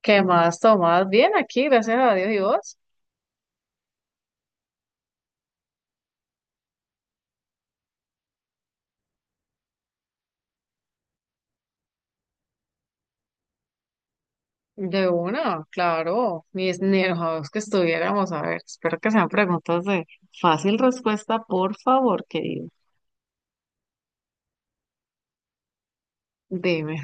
¿Qué más, Tomás? Bien aquí, gracias a Dios y vos. De una, claro. Ni enojados que estuviéramos. A ver, espero que sean preguntas de fácil respuesta, por favor, querido. Dime.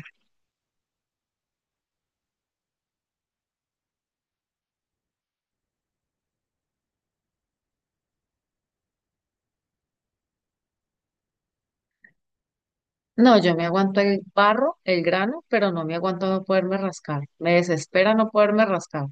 No, yo me aguanto el barro, el grano, pero no me aguanto no poderme rascar. Me desespera no poderme rascar.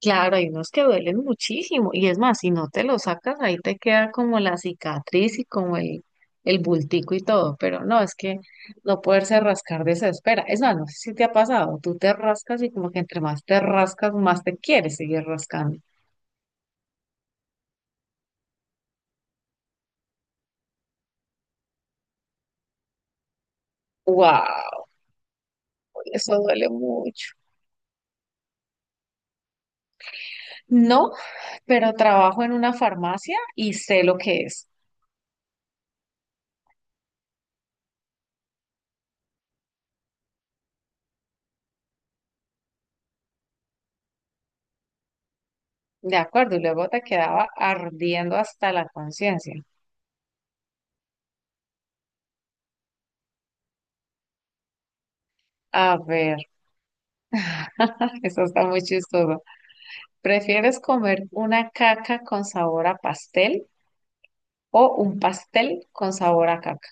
Claro, hay unos que duelen muchísimo y es más, si no te lo sacas, ahí te queda como la cicatriz y como el bultico y todo, pero no, es que no poderse rascar desespera. Es más, no sé si te ha pasado, tú te rascas y como que entre más te rascas, más te quieres seguir rascando. Wow, eso duele mucho. No, pero trabajo en una farmacia y sé lo que es. De acuerdo, y luego te quedaba ardiendo hasta la conciencia. A ver, eso está muy chistoso. ¿Prefieres comer una caca con sabor a pastel o un pastel con sabor a caca?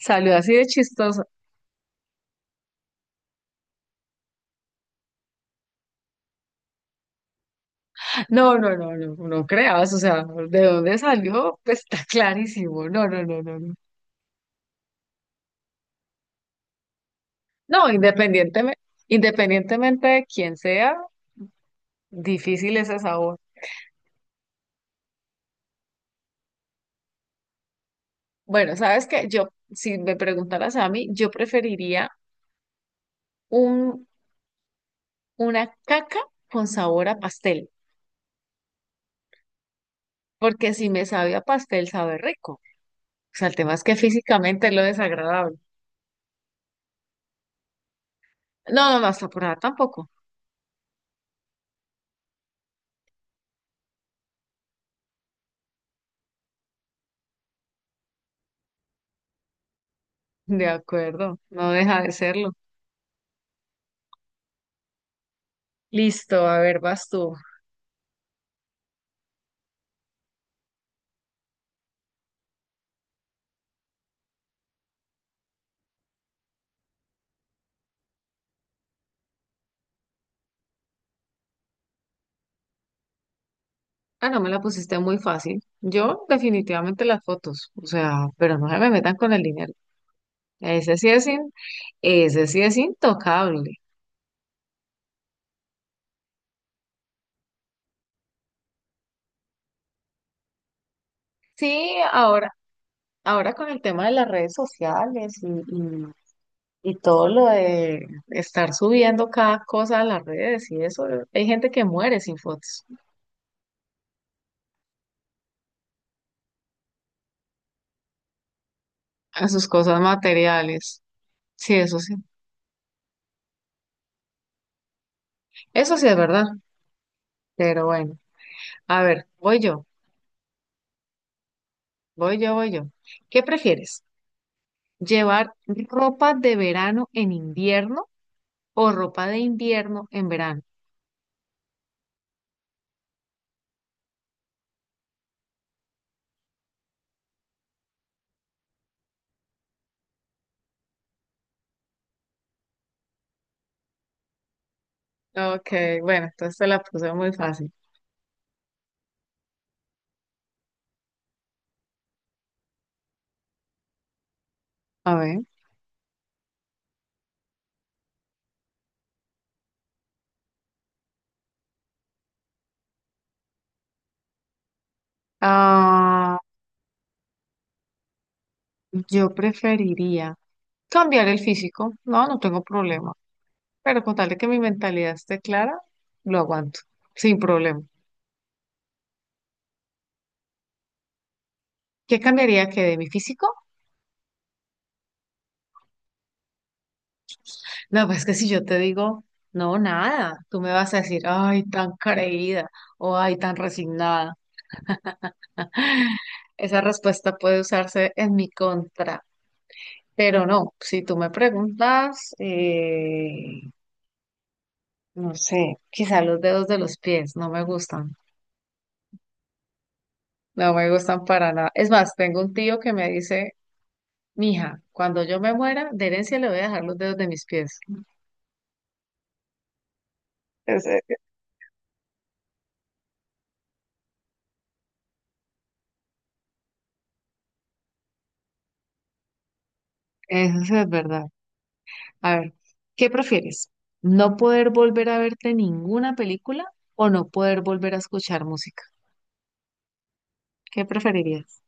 Salió así de chistoso. No, no, no, no, no creas, o sea, ¿de dónde salió? Pues está clarísimo. No, no, no, no, no. No, independientemente, independientemente de quién sea, difícil ese sabor. Bueno, sabes que yo, si me preguntaras a mí, yo preferiría un, una caca con sabor a pastel, porque si me sabe a pastel, sabe rico. O sea, el tema es que físicamente es lo desagradable. No, no, no, hasta por allá tampoco. De acuerdo, no deja de serlo. Listo, a ver, vas tú. Ah, no me la pusiste muy fácil. Yo definitivamente las fotos, o sea, pero no se me metan con el dinero. Ese sí es, in- ese sí es intocable. Sí, ahora, ahora con el tema de las redes sociales y todo lo de estar subiendo cada cosa a las redes y eso, hay gente que muere sin fotos, a sus cosas materiales. Sí, eso sí. Eso sí es verdad, pero bueno. A ver, voy yo. ¿Qué prefieres? ¿Llevar ropa de verano en invierno o ropa de invierno en verano? Ok, bueno, entonces te la puse muy fácil. A ver. Ah, yo preferiría cambiar el físico. No, no tengo problema. Pero con tal de que mi mentalidad esté clara, lo aguanto, sin problema. ¿Qué cambiaría que de mi físico? No, pues que si yo te digo, no, nada, tú me vas a decir, ay, tan creída o ay, tan resignada. Esa respuesta puede usarse en mi contra, pero no, si tú me preguntas, no sé, quizá los dedos de los pies no me gustan, no me gustan para nada. Es más, tengo un tío que me dice, mija, cuando yo me muera, de herencia le voy a dejar los dedos de mis pies. Ese- Eso sí es verdad. A ver, ¿qué prefieres? ¿No poder volver a verte ninguna película o no poder volver a escuchar música? ¿Qué preferirías?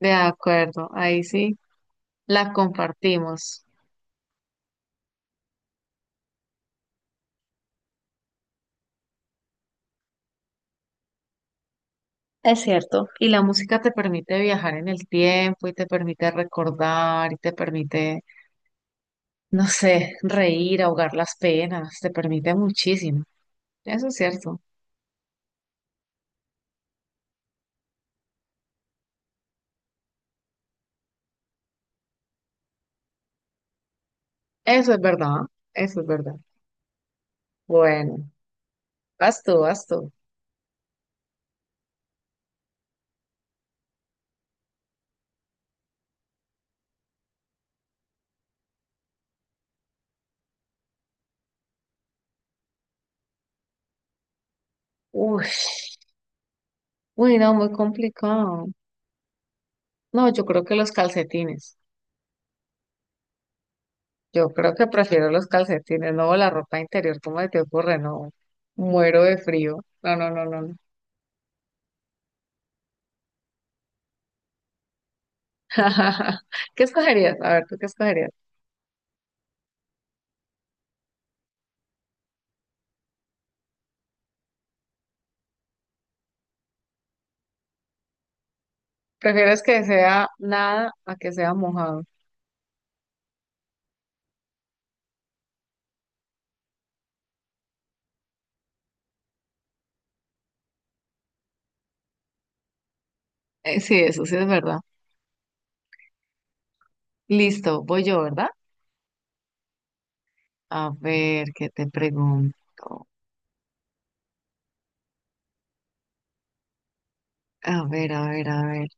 De acuerdo, ahí sí la compartimos. Es cierto. Y la música te permite viajar en el tiempo y te permite recordar y te permite, no sé, reír, ahogar las penas, te permite muchísimo. Eso es cierto. Eso es verdad, eso es verdad. Bueno, vas tú. Uy, uy, no, muy complicado. No, yo creo que los calcetines. Yo creo que prefiero los calcetines, no la ropa interior. ¿Cómo te ocurre? No, muero de frío. No, no, no, no, no. ¿Qué escogerías? A ver, ¿tú qué escogerías? ¿Prefieres que sea nada a que sea mojado? Sí, eso sí es verdad. Listo, voy yo, ¿verdad? A ver, ¿qué te pregunto? A ver.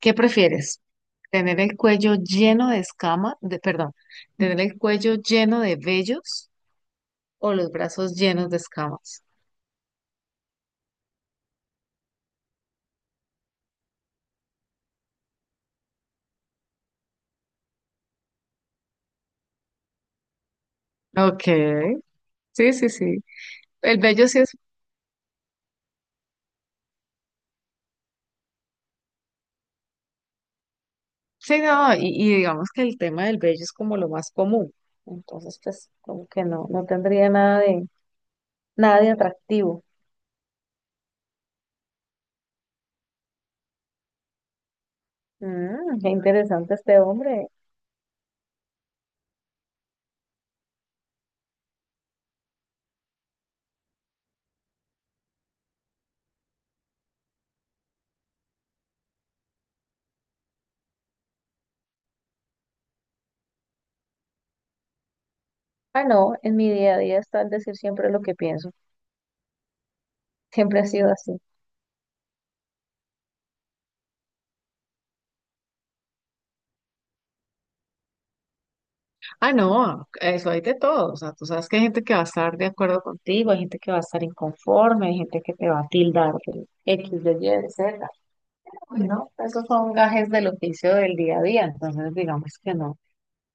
¿Qué prefieres? ¿Tener el cuello lleno de escamas? De, perdón, ¿tener el cuello lleno de vellos o los brazos llenos de escamas? Ok, sí, sí, sí. El vello sí es, sí, no, y digamos que el tema del vello es como lo más común. Entonces, pues, como que no, no tendría nada de, nada de atractivo. Mm, qué interesante este hombre. Ah, no, en mi día a día está el decir siempre lo que pienso. Siempre ha sido así. Ah, no, eso hay de todo. O sea, tú sabes que hay gente que va a estar de acuerdo contigo, hay gente que va a estar inconforme, hay gente que te va a tildar de X, de Y, de Z. Bueno, esos son gajes del oficio del día a día, entonces digamos que no.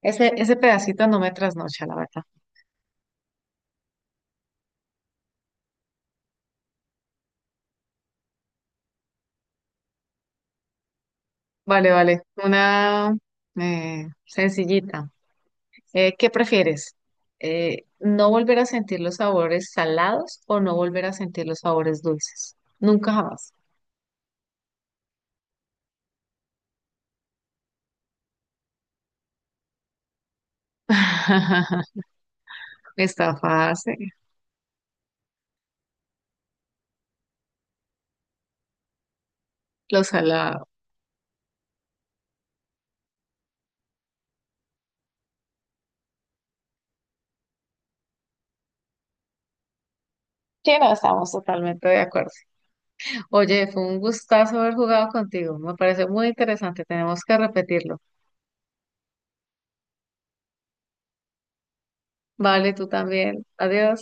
Ese pedacito no me trasnocha, la verdad. Vale, vale. Una sencillita. ¿Qué prefieres? ¿No volver a sentir los sabores salados o no volver a sentir los sabores dulces? Nunca jamás. Está fácil. Los salados. Sí, no, estamos totalmente de acuerdo. Oye, fue un gustazo haber jugado contigo. Me parece muy interesante. Tenemos que repetirlo. Vale, tú también. Adiós.